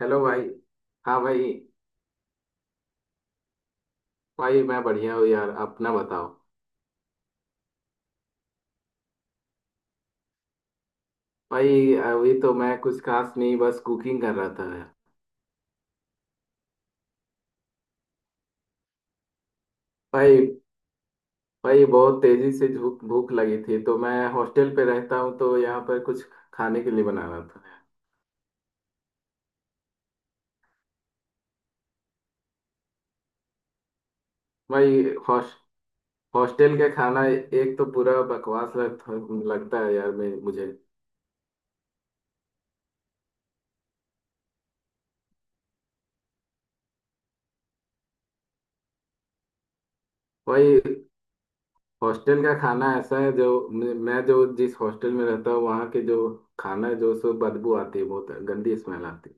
Hello भाई। हाँ भाई। भाई मैं बढ़िया हूँ यार, अपना बताओ। भाई अभी तो मैं कुछ खास नहीं, बस कुकिंग कर रहा था। भाई, भाई बहुत तेजी से भूख भूख लगी थी, तो मैं हॉस्टल पे रहता हूँ तो यहाँ पर कुछ खाने के लिए बना रहा था। भाई, हॉस, हॉस्टल का खाना एक तो पूरा बकवास लग, लगता है यार, मैं, मुझे। भाई हॉस्टल का खाना ऐसा है जो, मैं जो जिस हॉस्टल में रहता हूँ वहाँ के जो खाना है जो, सो बदबू आती है, बहुत गंदी स्मेल आती है।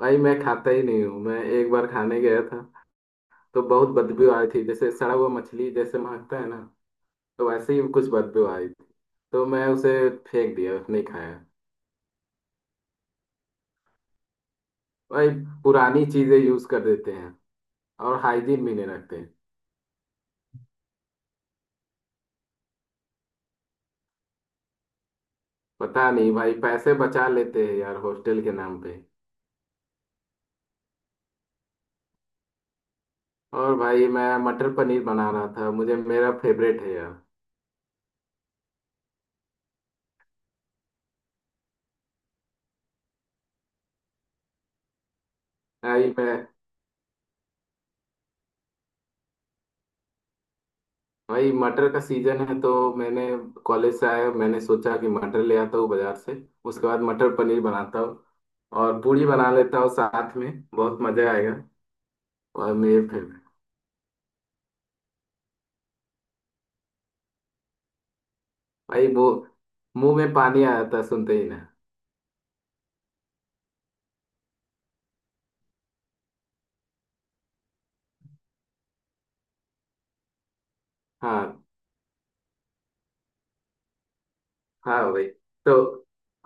भाई मैं खाता ही नहीं हूँ, मैं एक बार खाने गया था तो बहुत बदबू आई थी, जैसे सड़ा हुआ मछली जैसे महकता है ना, तो वैसे ही कुछ बदबू आई थी, तो मैं उसे फेंक दिया, नहीं खाया। भाई पुरानी चीजें यूज कर देते हैं और हाइजीन भी नहीं रखते हैं। पता नहीं भाई, पैसे बचा लेते हैं यार हॉस्टल के नाम पे। और भाई मैं मटर पनीर बना रहा था, मुझे मेरा फेवरेट है यार। भाई मैं, भाई मटर का सीजन है तो, मैंने कॉलेज से आया, मैंने सोचा कि मटर ले आता हूँ बाजार से, उसके बाद मटर पनीर बनाता हूँ और पूड़ी बना लेता हूँ साथ में, बहुत मजा आएगा। और मेरे फिर, भाई वो, मुंह में पानी आ जाता है सुनते ही ना। हाँ। हाँ भाई। तो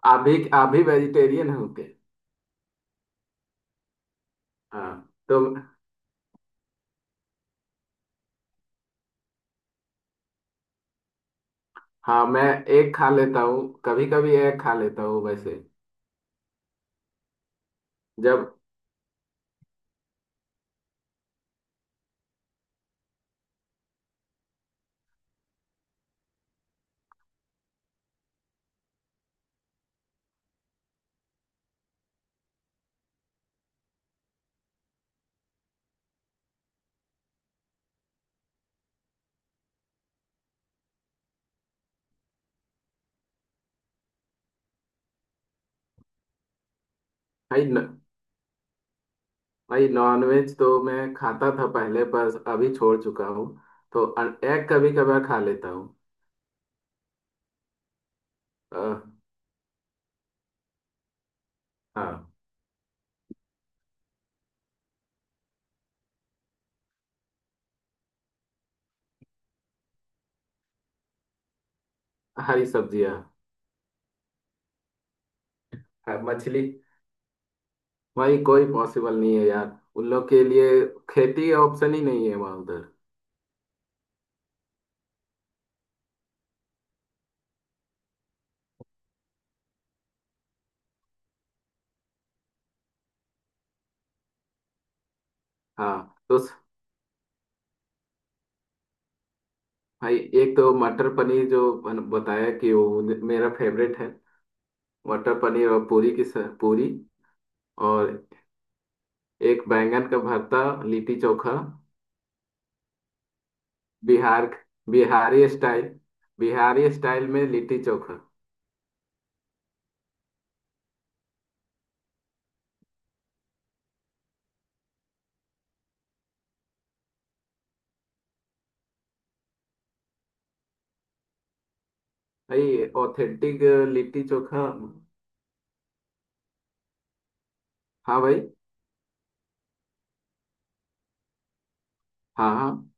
आप भी, आप भी वेजिटेरियन हो क्या? हाँ तो, हाँ मैं एक खा लेता हूँ कभी कभी, एक खा लेता हूँ वैसे। जब, भाई न, भाई नॉनवेज तो मैं खाता था पहले, पर अभी छोड़ चुका हूँ। तो एग कभी कभार खा लेता हूँ। अ, हाँ। हरी सब्जियाँ। हाँ, मछली। भाई कोई पॉसिबल नहीं है यार उन लोग के लिए, खेती ऑप्शन ही नहीं है वहाँ उधर। हाँ तो स-, भाई एक तो मटर पनीर जो बताया कि वो मेरा फेवरेट है। मटर पनीर और पूरी की स- पूरी, और एक बैंगन का भरता, लिट्टी चोखा। बिहार, बिहारी स्टाइल, बिहारी स्टाइल में लिट्टी चोखा। भाई ऑथेंटिक लिट्टी चोखा। हाँ भाई। हाँ हाँ।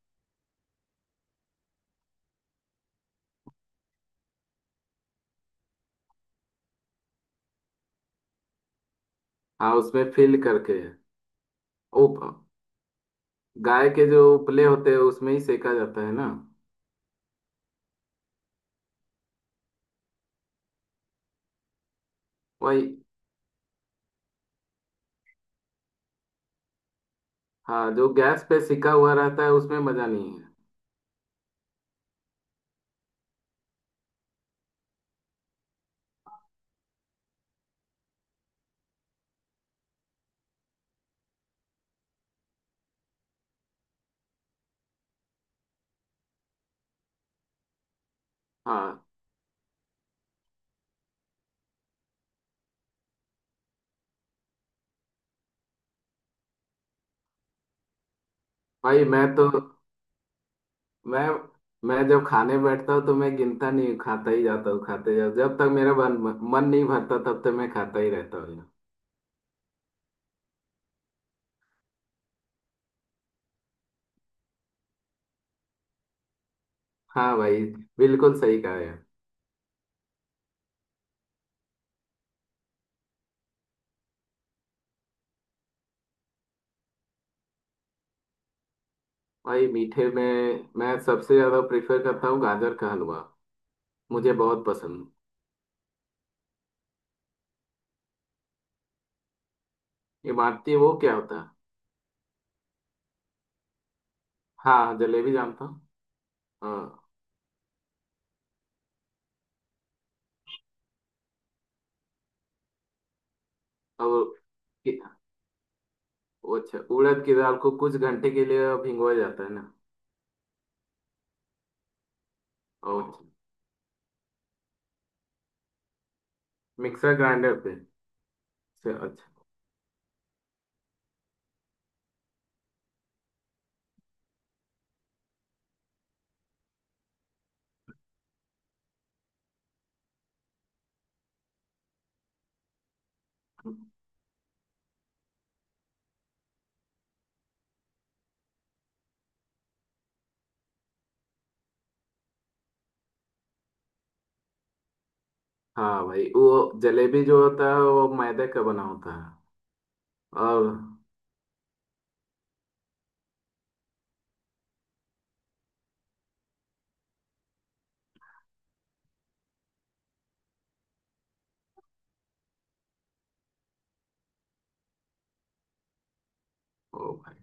हाँ उसमें फिल करके है। उप, गाय के जो उपले होते हैं उसमें ही सेका जाता है ना। वही। हाँ जो गैस पे सिका हुआ रहता है उसमें मजा नहीं है। हाँ भाई। मैं तो मैं मैं जब खाने बैठता हूँ तो मैं गिनता नहीं हूँ, खाता ही जाता हूँ, खाते जाता हूँ। जब तक मेरा मन मन नहीं भरता तब तक मैं खाता ही रहता हूँ। हाँ भाई, बिल्कुल सही कहा यार। भाई मीठे में मैं सबसे ज्यादा प्रेफर करता हूँ गाजर का हलवा, मुझे बहुत पसंद। इमरती वो क्या होता है? हाँ जलेबी जानता हूँ। हाँ, और कि-, वो अच्छा, उड़द की दाल को कुछ घंटे के लिए भिगोया जाता है ना। और अच्छा, मिक्सर ग्राइंडर पे। अच्छा अच्छा। हाँ भाई, वो जलेबी जो होता है वो मैदे का बना होता है। और, ओ भाई,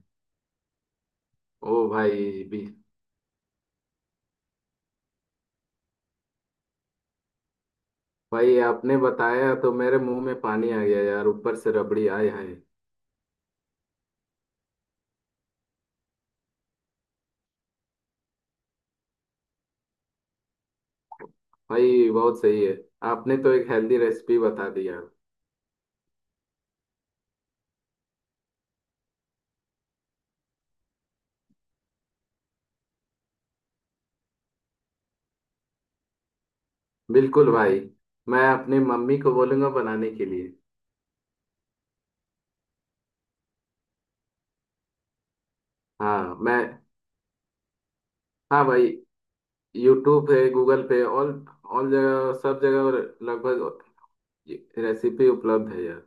ओ भाई भी, भाई आपने बताया तो मेरे मुंह में पानी आ गया यार, ऊपर से रबड़ी आए, हाय। भाई बहुत सही है, आपने तो एक हेल्दी रेसिपी बता दी यार। बिल्कुल भाई। मैं अपनी मम्मी को बोलूंगा बनाने के लिए। हाँ मैं, हाँ भाई, यूट्यूब पे, गूगल पे, ऑल, ऑल जगह, सब जगह लगभग रेसिपी उपलब्ध है यार।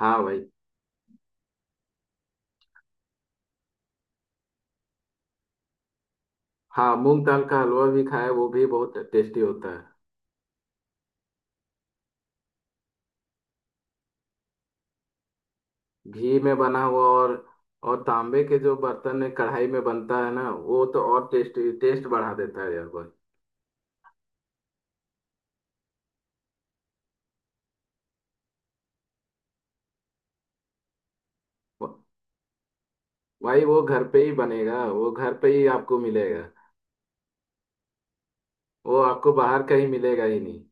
हाँ भाई। हाँ, मूंग दाल का हलवा भी खाया, वो भी बहुत टेस्टी होता है। घी में बना हुआ और तांबे के जो बर्तन में कढ़ाई में बनता है ना, वो तो और टेस्टी, टेस्ट बढ़ा देता है यार भाई। भाई वो घर पे ही बनेगा, वो घर पे ही आपको मिलेगा। वो आपको बाहर कहीं मिलेगा ही नहीं।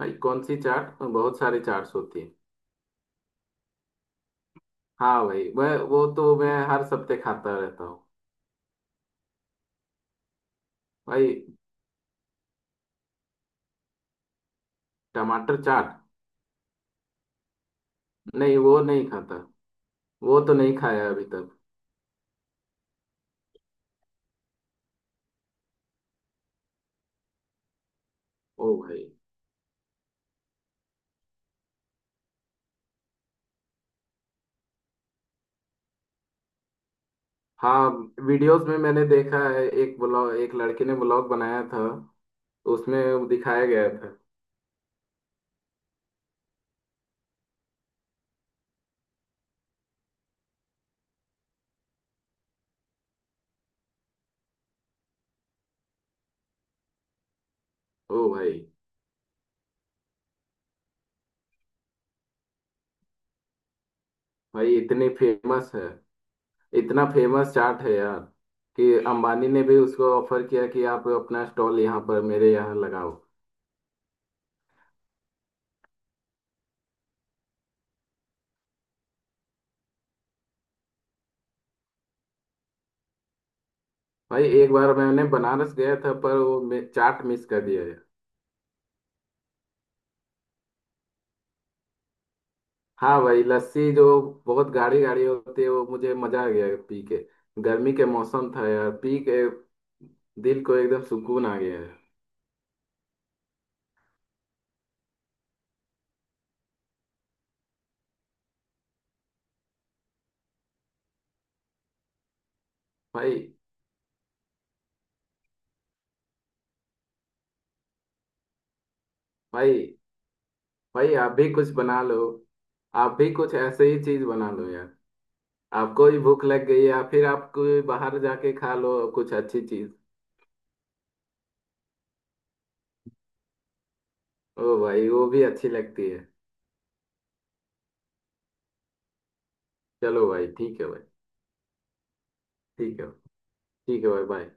भाई कौन सी चाट, बहुत सारी चाट्स होती है। हाँ भाई, वह वो तो मैं हर सप्ते खाता रहता हूँ। भाई, टमाटर चाट, नहीं वो नहीं खाता, वो तो नहीं खाया अभी तक। ओ भाई। हाँ, वीडियोस में मैंने देखा है, एक ब्लॉग, एक लड़के ने ब्लॉग बनाया था, उसमें दिखाया गया था। ओ भाई। भाई इतनी फेमस है, इतना फेमस चाट है यार, कि अंबानी ने भी उसको ऑफर किया कि आप अपना स्टॉल यहाँ पर मेरे यहाँ लगाओ। भाई एक बार मैंने बनारस गया था, पर वो मे- चाट मिस कर दिया है। हाँ भाई, लस्सी जो बहुत गाढ़ी गाढ़ी होती है, वो मुझे मजा आ गया पी के, गर्मी के मौसम था यार, पी के दिल को एकदम सुकून आ गया है। भाई, भाई, भाई आप भी कुछ बना लो, आप भी कुछ ऐसे ही चीज बना लो यार, आपको ही भूख लग गई, या फिर आप कोई बाहर जाके खा लो कुछ अच्छी चीज। ओ भाई वो भी अच्छी लगती है। चलो भाई, ठीक है भाई। ठीक है। ठीक है भाई, बाय।